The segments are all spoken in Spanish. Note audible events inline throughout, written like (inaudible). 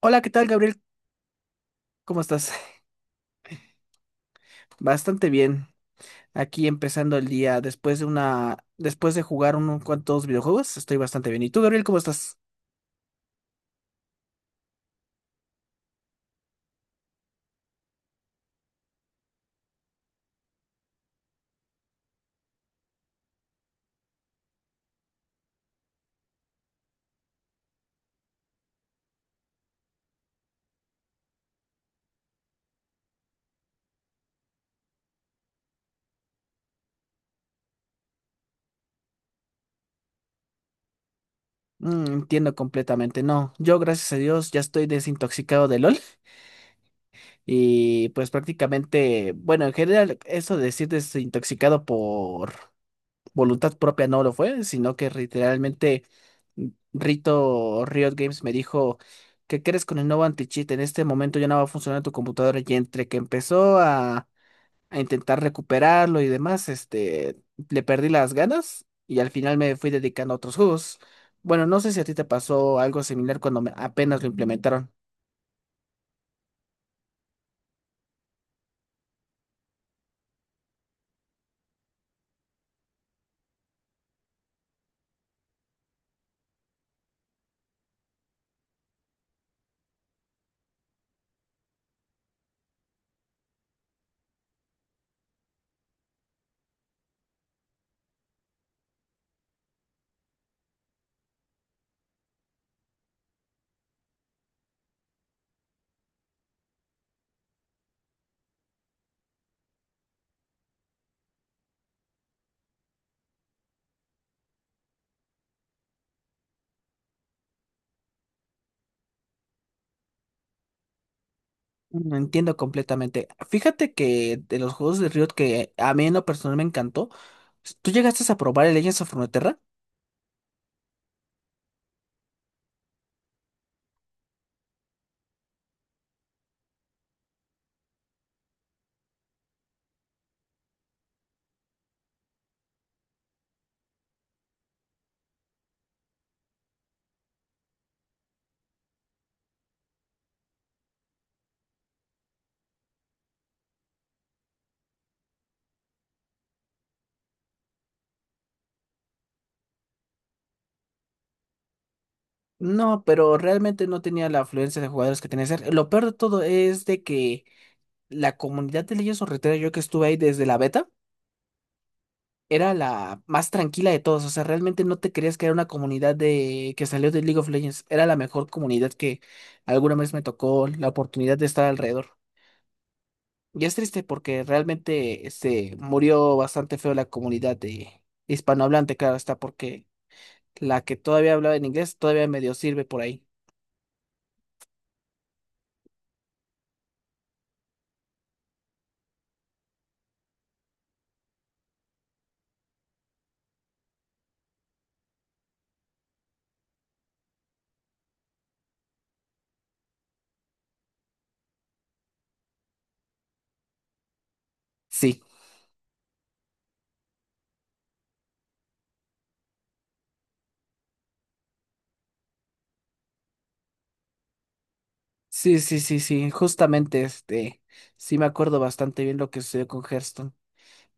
Hola, ¿qué tal, Gabriel? ¿Cómo estás? (laughs) Bastante bien. Aquí empezando el día después de jugar unos cuantos videojuegos, estoy bastante bien. ¿Y tú, Gabriel, cómo estás? Entiendo completamente. No, yo gracias a Dios ya estoy desintoxicado de LOL y pues prácticamente, bueno, en general eso de decir desintoxicado por voluntad propia no lo fue, sino que literalmente Rito Riot Games me dijo, ¿qué crees con el nuevo anti-cheat? En este momento ya no va a funcionar tu computadora y entre que empezó a intentar recuperarlo y demás, este, le perdí las ganas y al final me fui dedicando a otros juegos. Bueno, no sé si a ti te pasó algo similar cuando apenas lo implementaron. No entiendo completamente. Fíjate que de los juegos de Riot que a mí en lo personal me encantó, ¿tú llegaste a probar el Legends of Runeterra? No, pero realmente no tenía la afluencia de jugadores que tenía que ser. Lo peor de todo es de que la comunidad de Legends of Runeterra, yo que estuve ahí desde la beta, era la más tranquila de todos. O sea, realmente no te creías que era una comunidad de que salió de League of Legends. Era la mejor comunidad que alguna vez me tocó la oportunidad de estar alrededor. Y es triste porque realmente se murió bastante feo la comunidad de hispanohablante, claro está, porque la que todavía hablaba en inglés todavía medio sirve por ahí. Sí. Sí, sí, sí, sí, justamente este, sí me acuerdo bastante bien lo que sucedió con Hearthstone.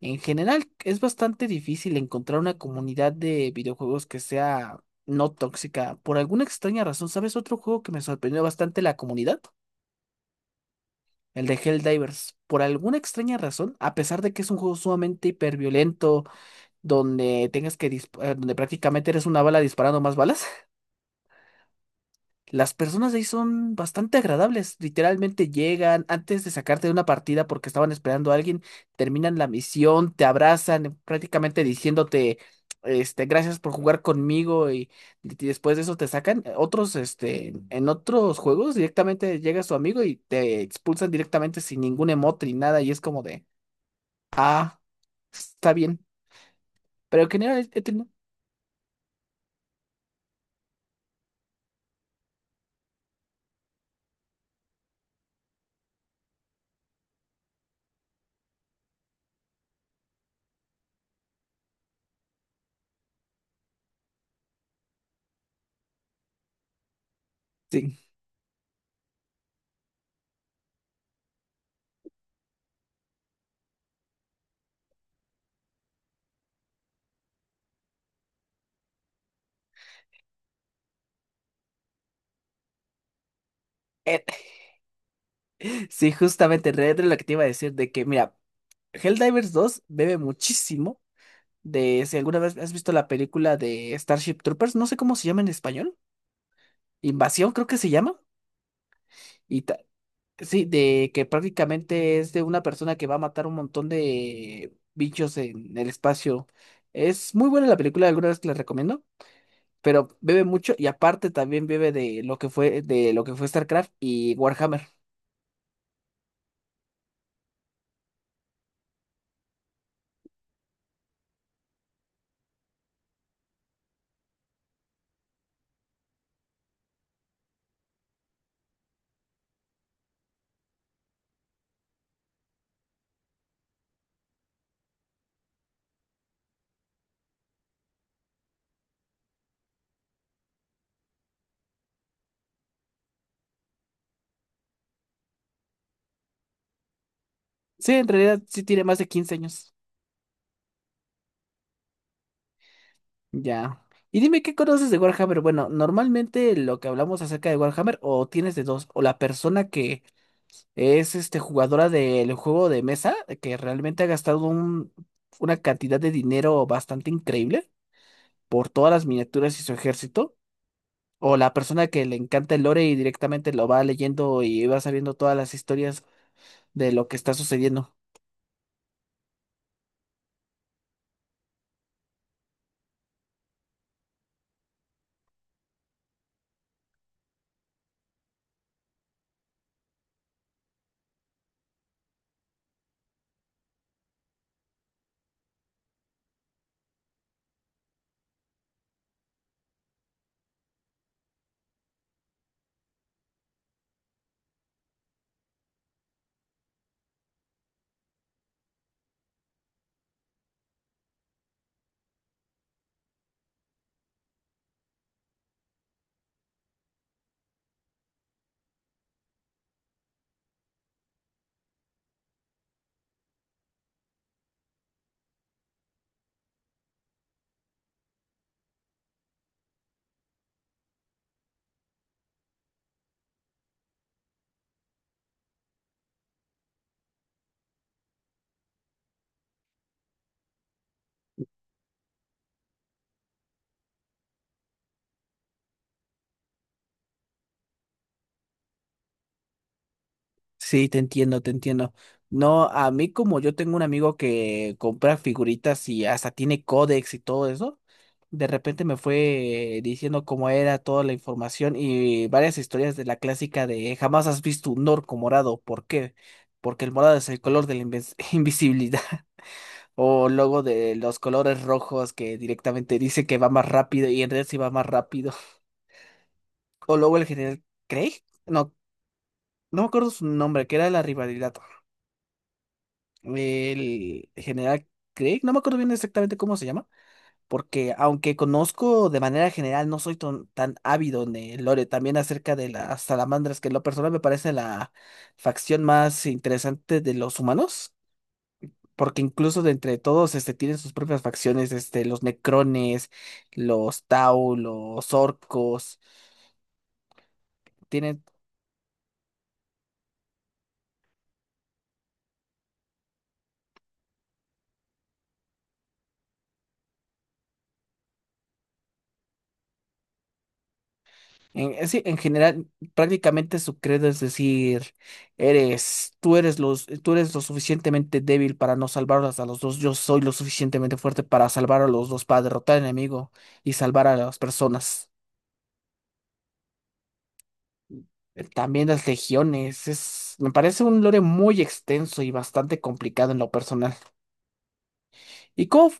En general, es bastante difícil encontrar una comunidad de videojuegos que sea no tóxica. Por alguna extraña razón, ¿sabes otro juego que me sorprendió bastante la comunidad? El de Helldivers. Por alguna extraña razón, a pesar de que es un juego sumamente hiperviolento, donde prácticamente eres una bala disparando más balas. Las personas de ahí son bastante agradables. Literalmente llegan antes de sacarte de una partida porque estaban esperando a alguien, terminan la misión, te abrazan, prácticamente diciéndote, este, gracias por jugar conmigo y después de eso te sacan. Otros, este, en otros juegos directamente llega su amigo y te expulsan directamente sin ningún emote ni nada y es como de, ah, está bien. Pero en general he tenido- Sí. (laughs) Sí, justamente, Red Dead, lo que te iba a decir de que, mira, Helldivers 2 bebe muchísimo de, si alguna vez has visto la película de Starship Troopers, no sé cómo se llama en español. Invasión creo que se llama, y ta- sí, de que prácticamente es de una persona que va a matar un montón de bichos en el espacio. Es muy buena la película, alguna vez que la recomiendo, pero bebe mucho y aparte también bebe de lo que fue StarCraft y Warhammer. Sí, en realidad sí tiene más de 15 años. Ya. Y dime, ¿qué conoces de Warhammer? Bueno, normalmente lo que hablamos acerca de Warhammer, o tienes de dos, o la persona que es este jugadora del juego de mesa, que realmente ha gastado una cantidad de dinero bastante increíble por todas las miniaturas y su ejército, o la persona que le encanta el lore y directamente lo va leyendo y va sabiendo todas las historias de lo que está sucediendo. Sí, te entiendo, te entiendo. No, a mí como yo tengo un amigo que compra figuritas y hasta tiene códex y todo eso, de repente me fue diciendo cómo era toda la información y varias historias de la clásica de jamás has visto un orco morado. ¿Por qué? Porque el morado es el color de la invis- (laughs) invisibilidad, o luego de los colores rojos que directamente dice que va más rápido y en realidad sí va más rápido. O luego el general Craig, no, no me acuerdo su nombre, que era la rivalidad. El general Craig, no me acuerdo bien exactamente cómo se llama, porque aunque conozco de manera general, no soy tan ávido en el lore, también acerca de las salamandras, que en lo personal me parece la facción más interesante de los humanos. Porque incluso de entre todos este, tienen sus propias facciones, este, los necrones, los tau, los orcos, tienen. En sí, en general, prácticamente su credo es decir, eres, tú eres los, tú eres lo suficientemente débil para no salvarlos a los dos, yo soy lo suficientemente fuerte para salvar a los dos, para derrotar al enemigo y salvar a las personas. También las legiones, es, me parece un lore muy extenso y bastante complicado en lo personal. ¿Y cómo,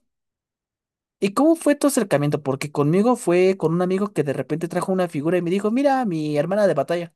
y cómo fue tu acercamiento? Porque conmigo fue con un amigo que de repente trajo una figura y me dijo, mira, mi hermana de batalla.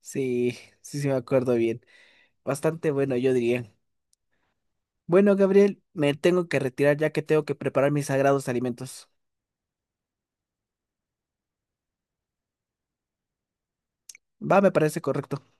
Sí, sí, sí me acuerdo bien. Bastante bueno, yo diría. Bueno, Gabriel, me tengo que retirar ya que tengo que preparar mis sagrados alimentos. Va, me parece correcto.